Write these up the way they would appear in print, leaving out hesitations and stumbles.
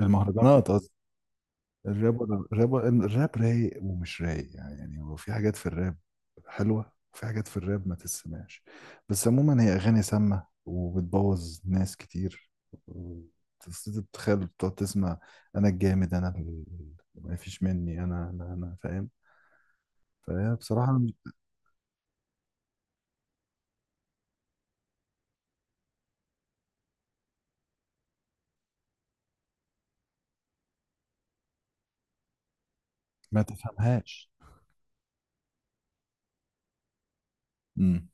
المهرجانات قصدي. الراب رايق ومش رايق، يعني هو في حاجات في الراب حلوة، وفي حاجات في الراب ما تسمعش. بس عموما هي أغاني سامة وبتبوظ ناس كتير. تتخيل بتقعد تسمع. أنا الجامد أنا ال- ما فيش مني. أنا فاهم؟ فهي بصراحة ما تفهمهاش. مم.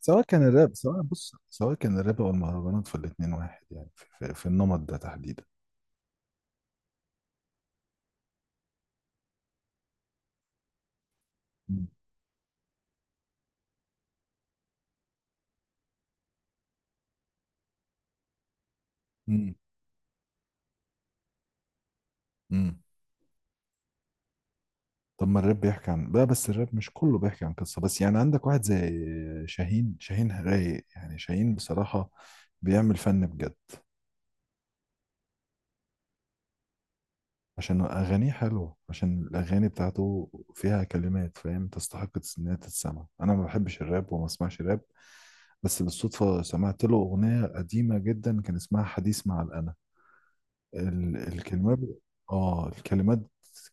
سواء كان الراب أو المهرجانات، فالاتنين واحد يعني، في, النمط ده تحديدا. مم. مم. طب ما الراب بيحكي عن بقى، بس الراب مش كله بيحكي عن قصة، بس يعني عندك واحد زي شاهين. شاهين رايق يعني، شاهين بصراحة بيعمل فن بجد. عشان أغانيه حلوة، عشان الأغاني بتاعته فيها كلمات، فاهم، تستحق إنها تتسمع. أنا ما بحبش الراب وما بسمعش راب، بس بالصدفة سمعت له أغنية قديمة جدا، كان اسمها حديث مع الأنا. الكلمات، آه الكلمات.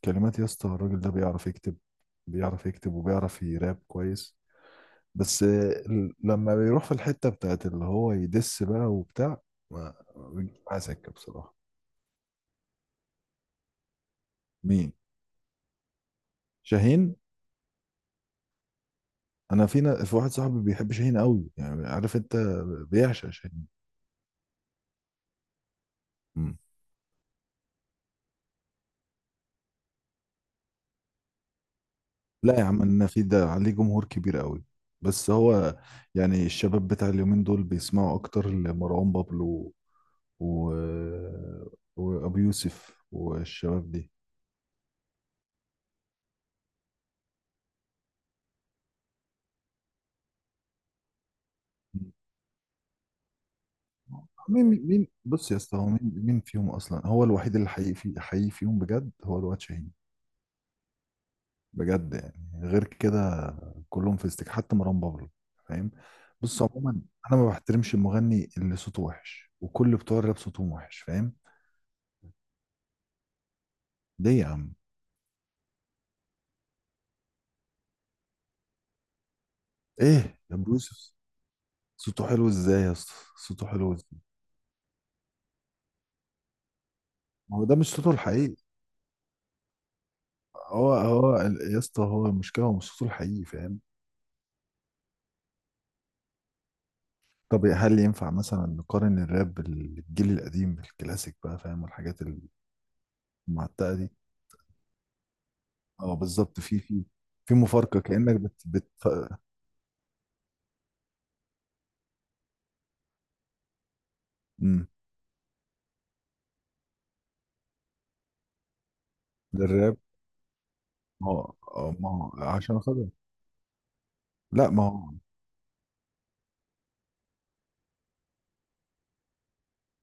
كلمات يا اسطى، الراجل ده بيعرف يكتب. بيعرف يكتب وبيعرف يراب كويس. بس لما بيروح في الحتة بتاعت اللي هو يدس بقى وبتاع، ما بيجيش معاه سكة بصراحة. مين؟ شاهين. انا في واحد صاحبي بيحب شاهين قوي يعني، عارف انت، بيعشق شاهين. مم. لا يا عم انا، في ده عليه جمهور كبير قوي. بس هو يعني الشباب بتاع اليومين دول بيسمعوا اكتر لمروان بابلو و... وابو يوسف والشباب دي. مين؟ بص يا اسطى، هو مين؟ مين فيهم اصلا، هو الوحيد اللي حقيقي، في حقيقي فيهم بجد هو الواد شاهين. بجد يعني، غير كده كلهم في استك، حتى مروان بابلو، فاهم؟ بص عموما، انا ما بحترمش المغني اللي صوته وحش، وكل بتوع الراب صوتهم وحش، فاهم؟ ليه يا عم؟ ايه يا بروسس؟ صوته حلو ازاي يا اسطى؟ صوته حلو ازاي؟ ما هو ده مش صوته الحقيقي. يا اسطى، هو المشكله هو مش صوته الحقيقي، فاهم؟ طب هل ينفع مثلا نقارن الراب بالجيل القديم، بالكلاسيك بقى، فاهم، والحاجات المعتقة دي؟ اه بالظبط، في في مفارقة كأنك بت. امم للراب. ما هو عشان خاطر. لا ما هو.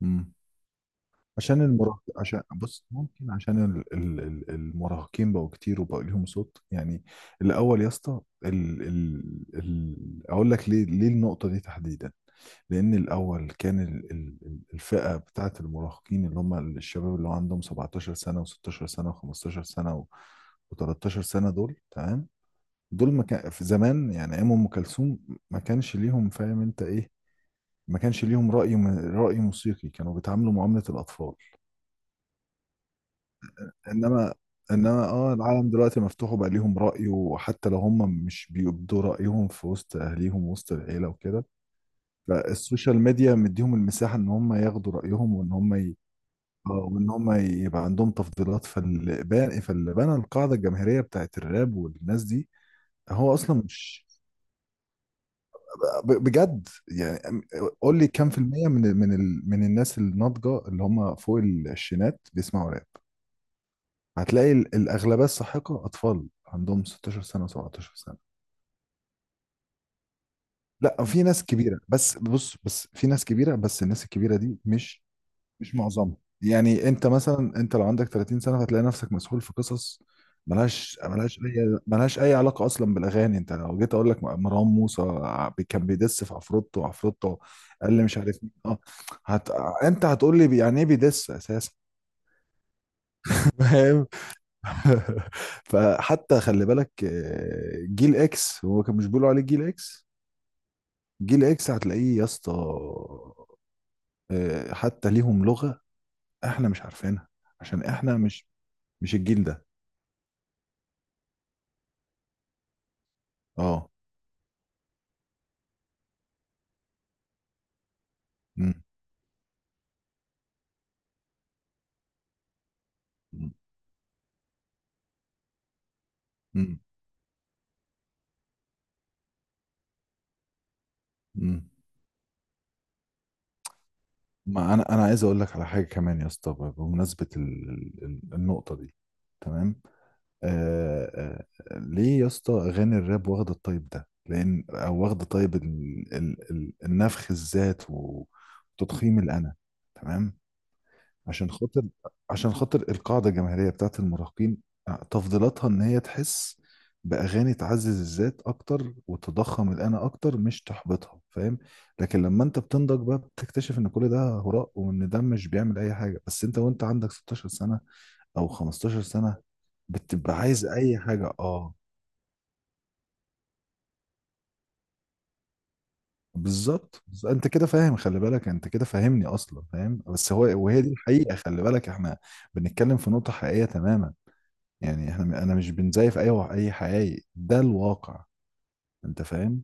امم عشان المراهق، عشان بص ممكن، عشان المراهقين بقوا كتير وبقوا ليهم صوت يعني. الاول يا اسطى اقول لك ليه، النقطه دي تحديدا، لان الاول كان الفئه بتاعه المراهقين، اللي هم الشباب اللي هو عندهم 17 سنه، و16 سنه، و15 سنه، و13 سنه، دول تمام. دول ما كان في زمان يعني، ايام ام كلثوم ما كانش ليهم، فاهم انت ايه، ما كانش ليهم راي، راي موسيقي. كانوا بيتعاملوا معامله الاطفال. انما، العالم دلوقتي مفتوح، وبقى ليهم رأي، وحتى لو هم مش بيبدوا رأيهم في وسط اهليهم ووسط العيلة وكده، فالسوشيال ميديا مديهم المساحة ان هم ياخدوا رأيهم، وان هم وان هم يبقى عندهم تفضيلات. فاللي بنى القاعدة الجماهيرية بتاعت الراب والناس دي، هو اصلا مش بجد يعني، قول لي كام في المية من من الناس الناضجة اللي هم فوق العشرينات بيسمعوا راب. هتلاقي الأغلبية الساحقة أطفال عندهم 16 سنة و17 سنة. لا في ناس كبيرة، بس بص، بس في ناس كبيرة، بس الناس الكبيرة دي مش، مش معظمها يعني. أنت مثلا، أنت لو عندك 30 سنة هتلاقي نفسك مسحول في قصص ملهاش أي علاقة أصلا بالأغاني. أنت لو جيت أقول لك، مروان موسى كان بيدس في عفروتو، عفروتو، قال لي مش عارف مين. أه هت... أنت هتقول لي يعني إيه بيدس أساسا؟ فاهم. فحتى خلي بالك، آه، جيل اكس، هو كان مش بيقولوا عليه جيل اكس؟ جيل اكس هتلاقيه يا اسطى، آه، حتى ليهم لغة احنا مش عارفينها، عشان احنا مش، الجيل ده. اه. مم. مم. مم. مم. ما انا عايز اقول لك على حاجة كمان يا اسطى، بمناسبة النقطة دي، تمام. آه آه آه، ليه يا اسطى اغاني الراب واخده الطيب ده؟ لان او واخده طيب النفخ الذات، و- وتضخيم الانا، تمام. عشان خاطر عشان خاطر القاعده الجماهيريه بتاعت المراهقين، آه، تفضيلاتها ان هي تحس باغاني تعزز الذات اكتر وتضخم الانا اكتر، مش تحبطها، فاهم؟ لكن لما انت بتنضج بقى بتكتشف ان كل ده هراء، وان ده مش بيعمل اي حاجه. بس انت وانت عندك 16 سنه او 15 سنه بتبقى عايز اي حاجه. اه بالظبط. بس انت كده فاهم، خلي بالك، انت كده فاهمني اصلا، فاهم، بس هو وهي دي الحقيقه. خلي بالك احنا بنتكلم في نقطه حقيقيه تماما، يعني احنا، انا مش بنزيف اي، اي حقيقي، ده الواقع، انت فاهم.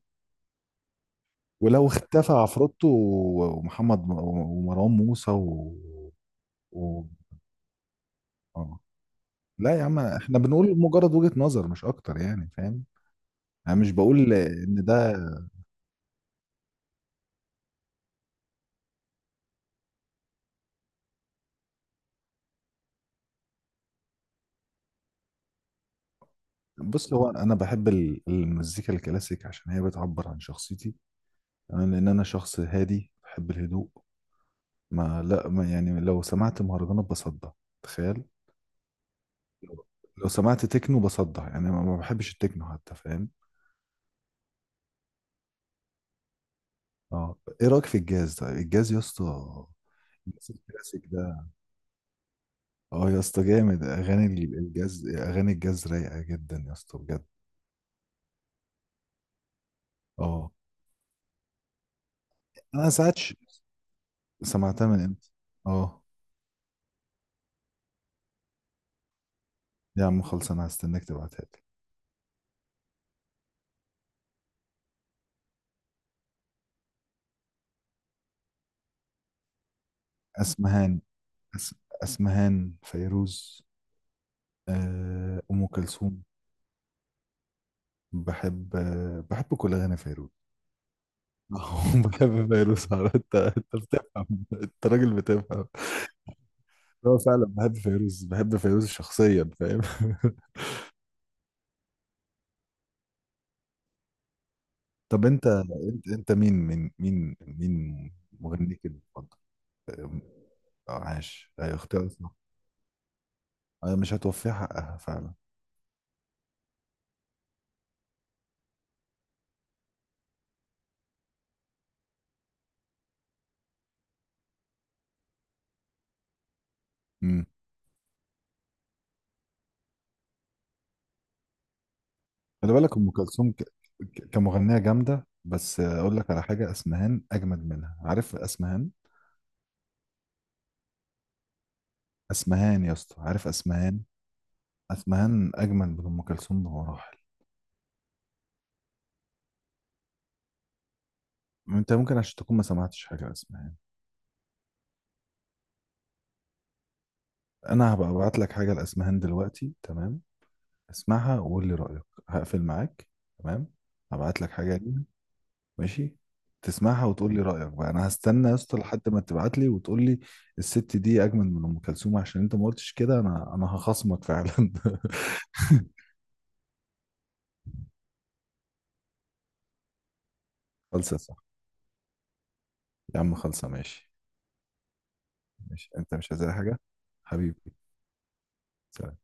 ولو اختفى عفروتو ومحمد ومروان موسى و... آه. لا يا عم، احنا بنقول مجرد وجهه نظر مش اكتر يعني، فاهم؟ انا مش بقول ان ده. بص، هو انا بحب المزيكا الكلاسيك عشان هي بتعبر عن شخصيتي، انا لان انا شخص هادي بحب الهدوء. ما لا، ما يعني لو سمعت مهرجانات بصدع. تخيل. لو سمعت تكنو بصدع، يعني ما بحبش التكنو حتى، فاهم؟ اه ايه رايك في الجاز طيب؟ الجاز يا اسطى، الجاز الكلاسيك ده، اه يا اسطى جامد. اغاني الجاز، اغاني الجاز رايقه جدا يا اسطى، بجد. اه. انا ساعات سمعتها من امتى. اه. يا عم خلص، انا هستناك تبعتها لي. اسمها أس... أسمهان، فيروز، آه، أم كلثوم. بحب كل أغاني فيروز. بحب فيروز على- انت بتفهم، انت راجل بتفهم. هو فعلا بحب فيروز، بحب فيروز شخصيا، فاهم؟ طب انت مين مغنيك المفضل؟ آه، عاش. هي اختيار صح. آه، مش هتوفيه حقها فعلا. خلي بالك ام كلثوم كمغنيه جامده، بس اقول لك على حاجه، اسمهان اجمد منها. عارف اسمهان؟ اسمهان يا اسطى، عارف اسمهان؟ اسمهان اجمد من ام كلثوم بمراحل. انت ممكن عشان تكون ما سمعتش حاجه لاسمهان. انا هبقى ابعت لك حاجه لاسمهان دلوقتي، تمام؟ اسمعها وقول لي رايك. هقفل معاك. تمام. هبعت لك حاجه ليها. ماشي، تسمعها وتقول لي رايك بقى، انا هستنى يا اسطى لحد ما تبعت لي وتقول لي الست دي اجمل من ام كلثوم. عشان انت ما قلتش كده، انا هخصمك فعلا. خلصة صح. يا عم خلصة. ماشي. ماشي، انت مش عايز أي حاجة حبيبي؟ سلام.